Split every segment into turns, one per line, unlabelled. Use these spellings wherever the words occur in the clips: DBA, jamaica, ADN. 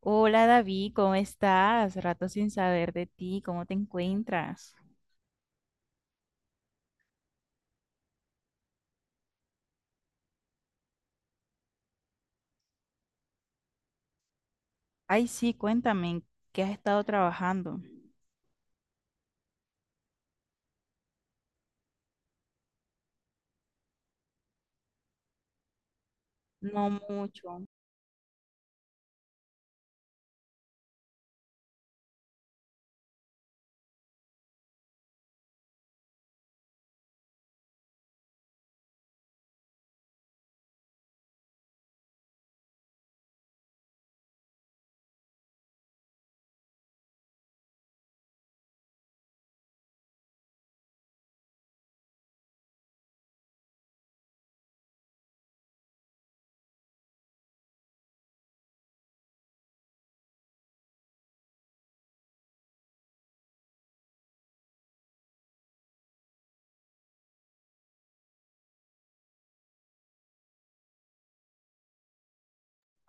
Hola David, ¿cómo estás? Rato sin saber de ti, ¿cómo te encuentras? Ay, sí, cuéntame, ¿en ¿qué has estado trabajando? No mucho.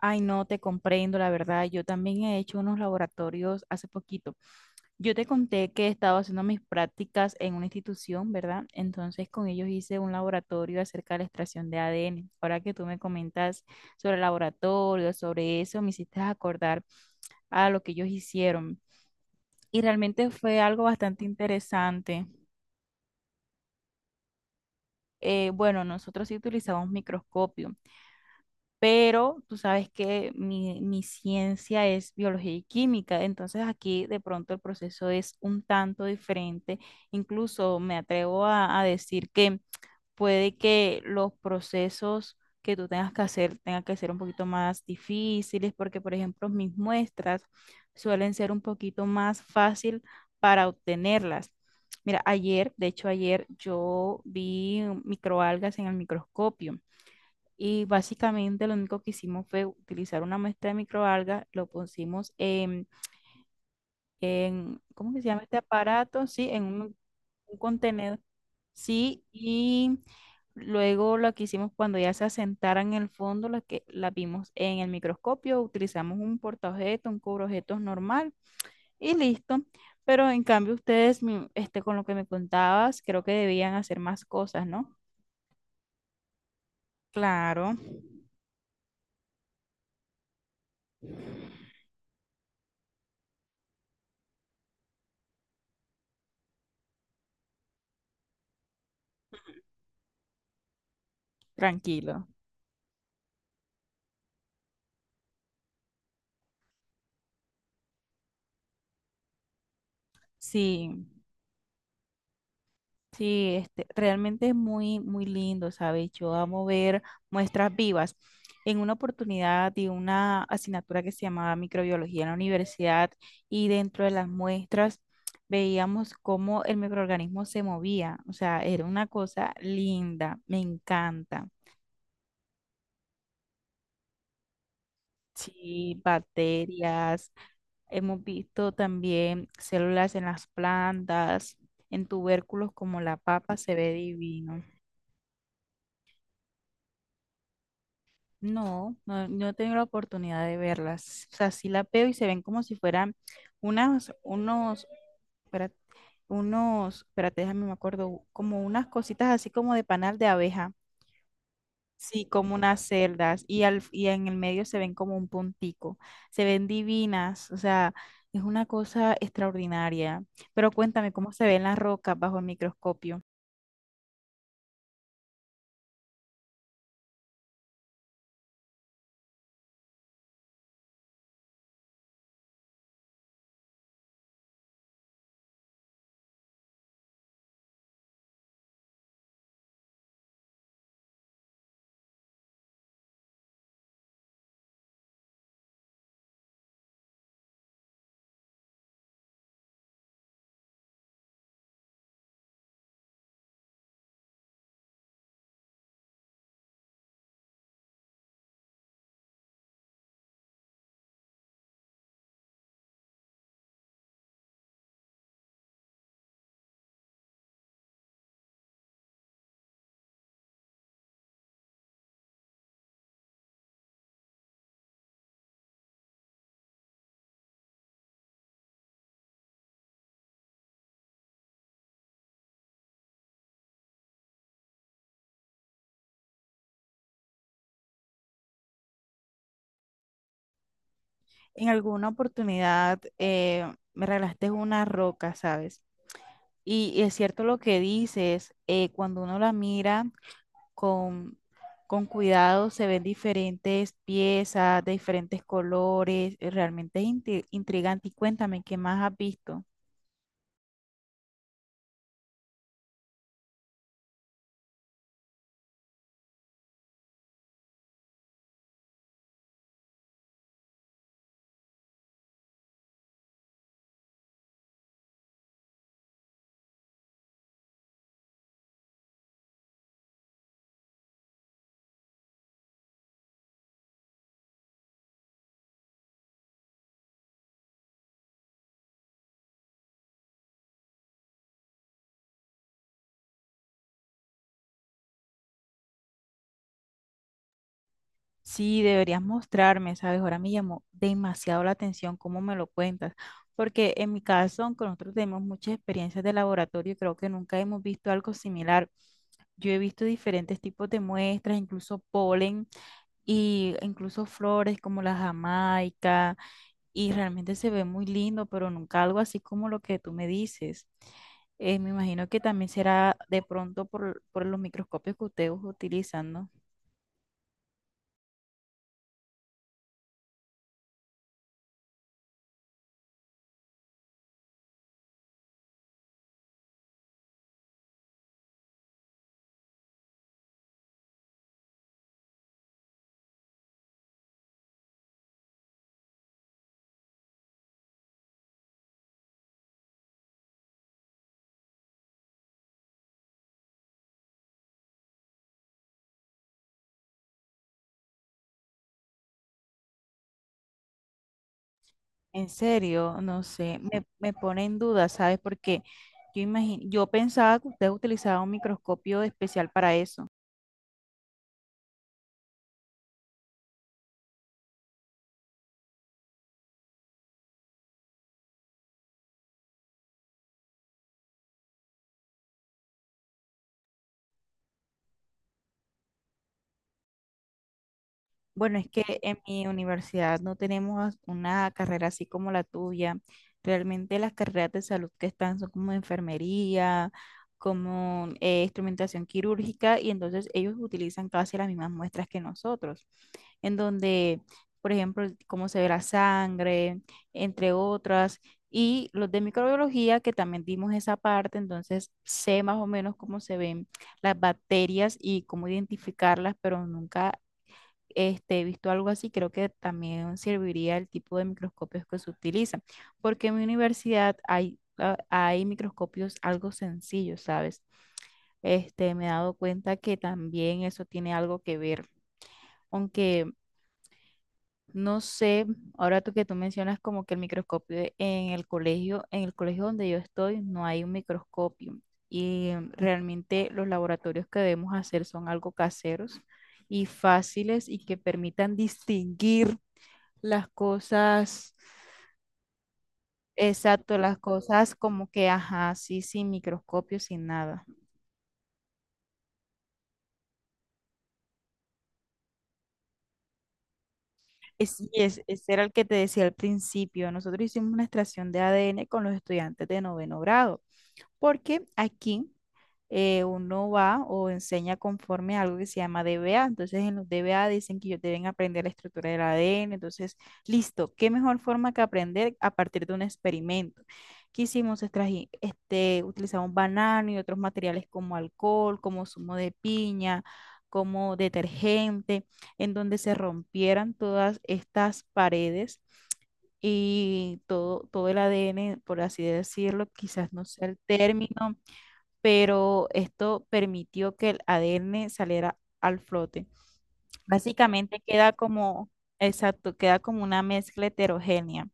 Ay, no, te comprendo, la verdad. Yo también he hecho unos laboratorios hace poquito. Yo te conté que he estado haciendo mis prácticas en una institución, ¿verdad? Entonces con ellos hice un laboratorio acerca de la extracción de ADN. Ahora que tú me comentas sobre el laboratorio, sobre eso, me hiciste acordar a lo que ellos hicieron. Y realmente fue algo bastante interesante. Bueno, nosotros sí utilizamos microscopio, pero tú sabes que mi ciencia es biología y química, entonces aquí de pronto el proceso es un tanto diferente. Incluso me atrevo a decir que puede que los procesos que tú tengas que hacer tengan que ser un poquito más difíciles, porque por ejemplo mis muestras suelen ser un poquito más fácil para obtenerlas. Mira, ayer, de hecho ayer yo vi microalgas en el microscopio y básicamente lo único que hicimos fue utilizar una muestra de microalgas, lo pusimos en ¿cómo que se llama este aparato? Sí, en un contenedor, sí, y luego lo que hicimos cuando ya se asentaran en el fondo, las que la vimos en el microscopio, utilizamos un portaobjetos, un cubreobjetos normal y listo. Pero en cambio ustedes, con lo que me contabas, creo que debían hacer más cosas, ¿no? Claro, tranquilo. Sí. Sí, este, realmente es muy, muy lindo, ¿sabes? Yo amo ver muestras vivas. En una oportunidad di una asignatura que se llamaba microbiología en la universidad y dentro de las muestras veíamos cómo el microorganismo se movía. O sea, era una cosa linda, me encanta. Sí, bacterias, hemos visto también células en las plantas, en tubérculos como la papa, se ve divino. No, no, no he tenido la oportunidad de verlas. O sea, sí la veo y se ven como si fueran unas, espérate, unos, espérate, déjame, me acuerdo, como unas cositas así como de panal de abeja. Sí, como unas celdas y en el medio se ven como un puntico. Se ven divinas, o sea, es una cosa extraordinaria. Pero cuéntame cómo se ven las rocas bajo el microscopio. En alguna oportunidad me regalaste una roca, ¿sabes? Y es cierto lo que dices, cuando uno la mira con, con cuidado se ven diferentes piezas de diferentes colores, realmente es intrigante. Y cuéntame, ¿qué más has visto? Sí, deberías mostrarme, ¿sabes? Ahora me llamó demasiado la atención cómo me lo cuentas, porque en mi caso, aunque nosotros tenemos muchas experiencias de laboratorio, creo que nunca hemos visto algo similar. Yo he visto diferentes tipos de muestras, incluso polen y incluso flores como la jamaica y realmente se ve muy lindo, pero nunca algo así como lo que tú me dices. Me imagino que también será de pronto por los microscopios que ustedes utilizan, ¿no? En serio, no sé, me pone en duda, ¿sabes? Porque yo imagino, yo pensaba que ustedes utilizaban un microscopio especial para eso. Bueno, es que en mi universidad no tenemos una carrera así como la tuya. Realmente las carreras de salud que están son como enfermería, como instrumentación quirúrgica, y entonces ellos utilizan casi las mismas muestras que nosotros, en donde, por ejemplo, cómo se ve la sangre, entre otras, y los de microbiología, que también dimos esa parte, entonces sé más o menos cómo se ven las bacterias y cómo identificarlas, pero nunca este, he visto algo así, creo que también serviría el tipo de microscopios que se utilizan, porque en mi universidad hay microscopios algo sencillos, ¿sabes? Este, me he dado cuenta que también eso tiene algo que ver, aunque no sé, ahora tú que tú mencionas como que el microscopio en el colegio donde yo estoy no hay un microscopio y realmente los laboratorios que debemos hacer son algo caseros y fáciles y que permitan distinguir las cosas, exacto, las cosas como que, ajá, sí, sin microscopio, sin nada. Ese era el que te decía al principio. Nosotros hicimos una extracción de ADN con los estudiantes de noveno grado. Porque aquí uno va o enseña conforme a algo que se llama DBA. Entonces, en los DBA dicen que ellos deben aprender la estructura del ADN. Entonces, listo, ¿qué mejor forma que aprender a partir de un experimento? ¿Qué hicimos? Utilizamos banano y otros materiales como alcohol, como zumo de piña, como detergente, en donde se rompieran todas estas paredes y todo el ADN, por así decirlo, quizás no sea el término, pero esto permitió que el ADN saliera al flote. Básicamente queda como, exacto, queda como una mezcla heterogénea.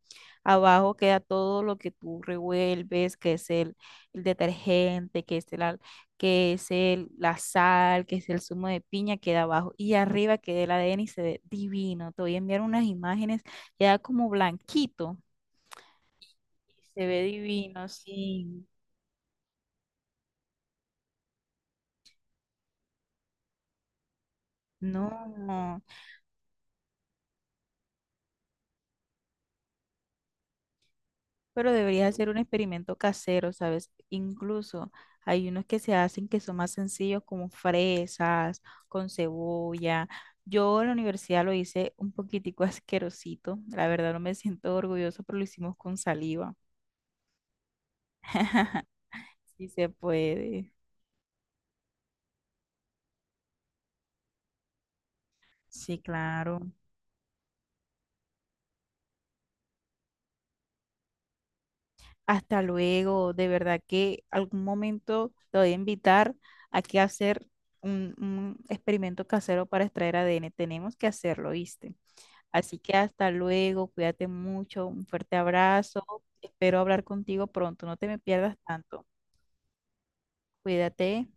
Abajo queda todo lo que tú revuelves, el detergente, que es el, la sal, que es el zumo de piña, queda abajo. Y arriba queda el ADN y se ve divino. Te voy a enviar unas imágenes, queda como blanquito. Y se ve divino, sí. No. Pero deberías hacer un experimento casero, ¿sabes? Incluso hay unos que se hacen que son más sencillos, como fresas, con cebolla. Yo en la universidad lo hice un poquitico asquerosito. La verdad no me siento orgulloso, pero lo hicimos con saliva. Sí se puede. Sí, claro. Hasta luego. De verdad que algún momento te voy a invitar a que hacer un experimento casero para extraer ADN. Tenemos que hacerlo, ¿viste? Así que hasta luego, cuídate mucho, un fuerte abrazo, espero hablar contigo pronto, no te me pierdas tanto, cuídate.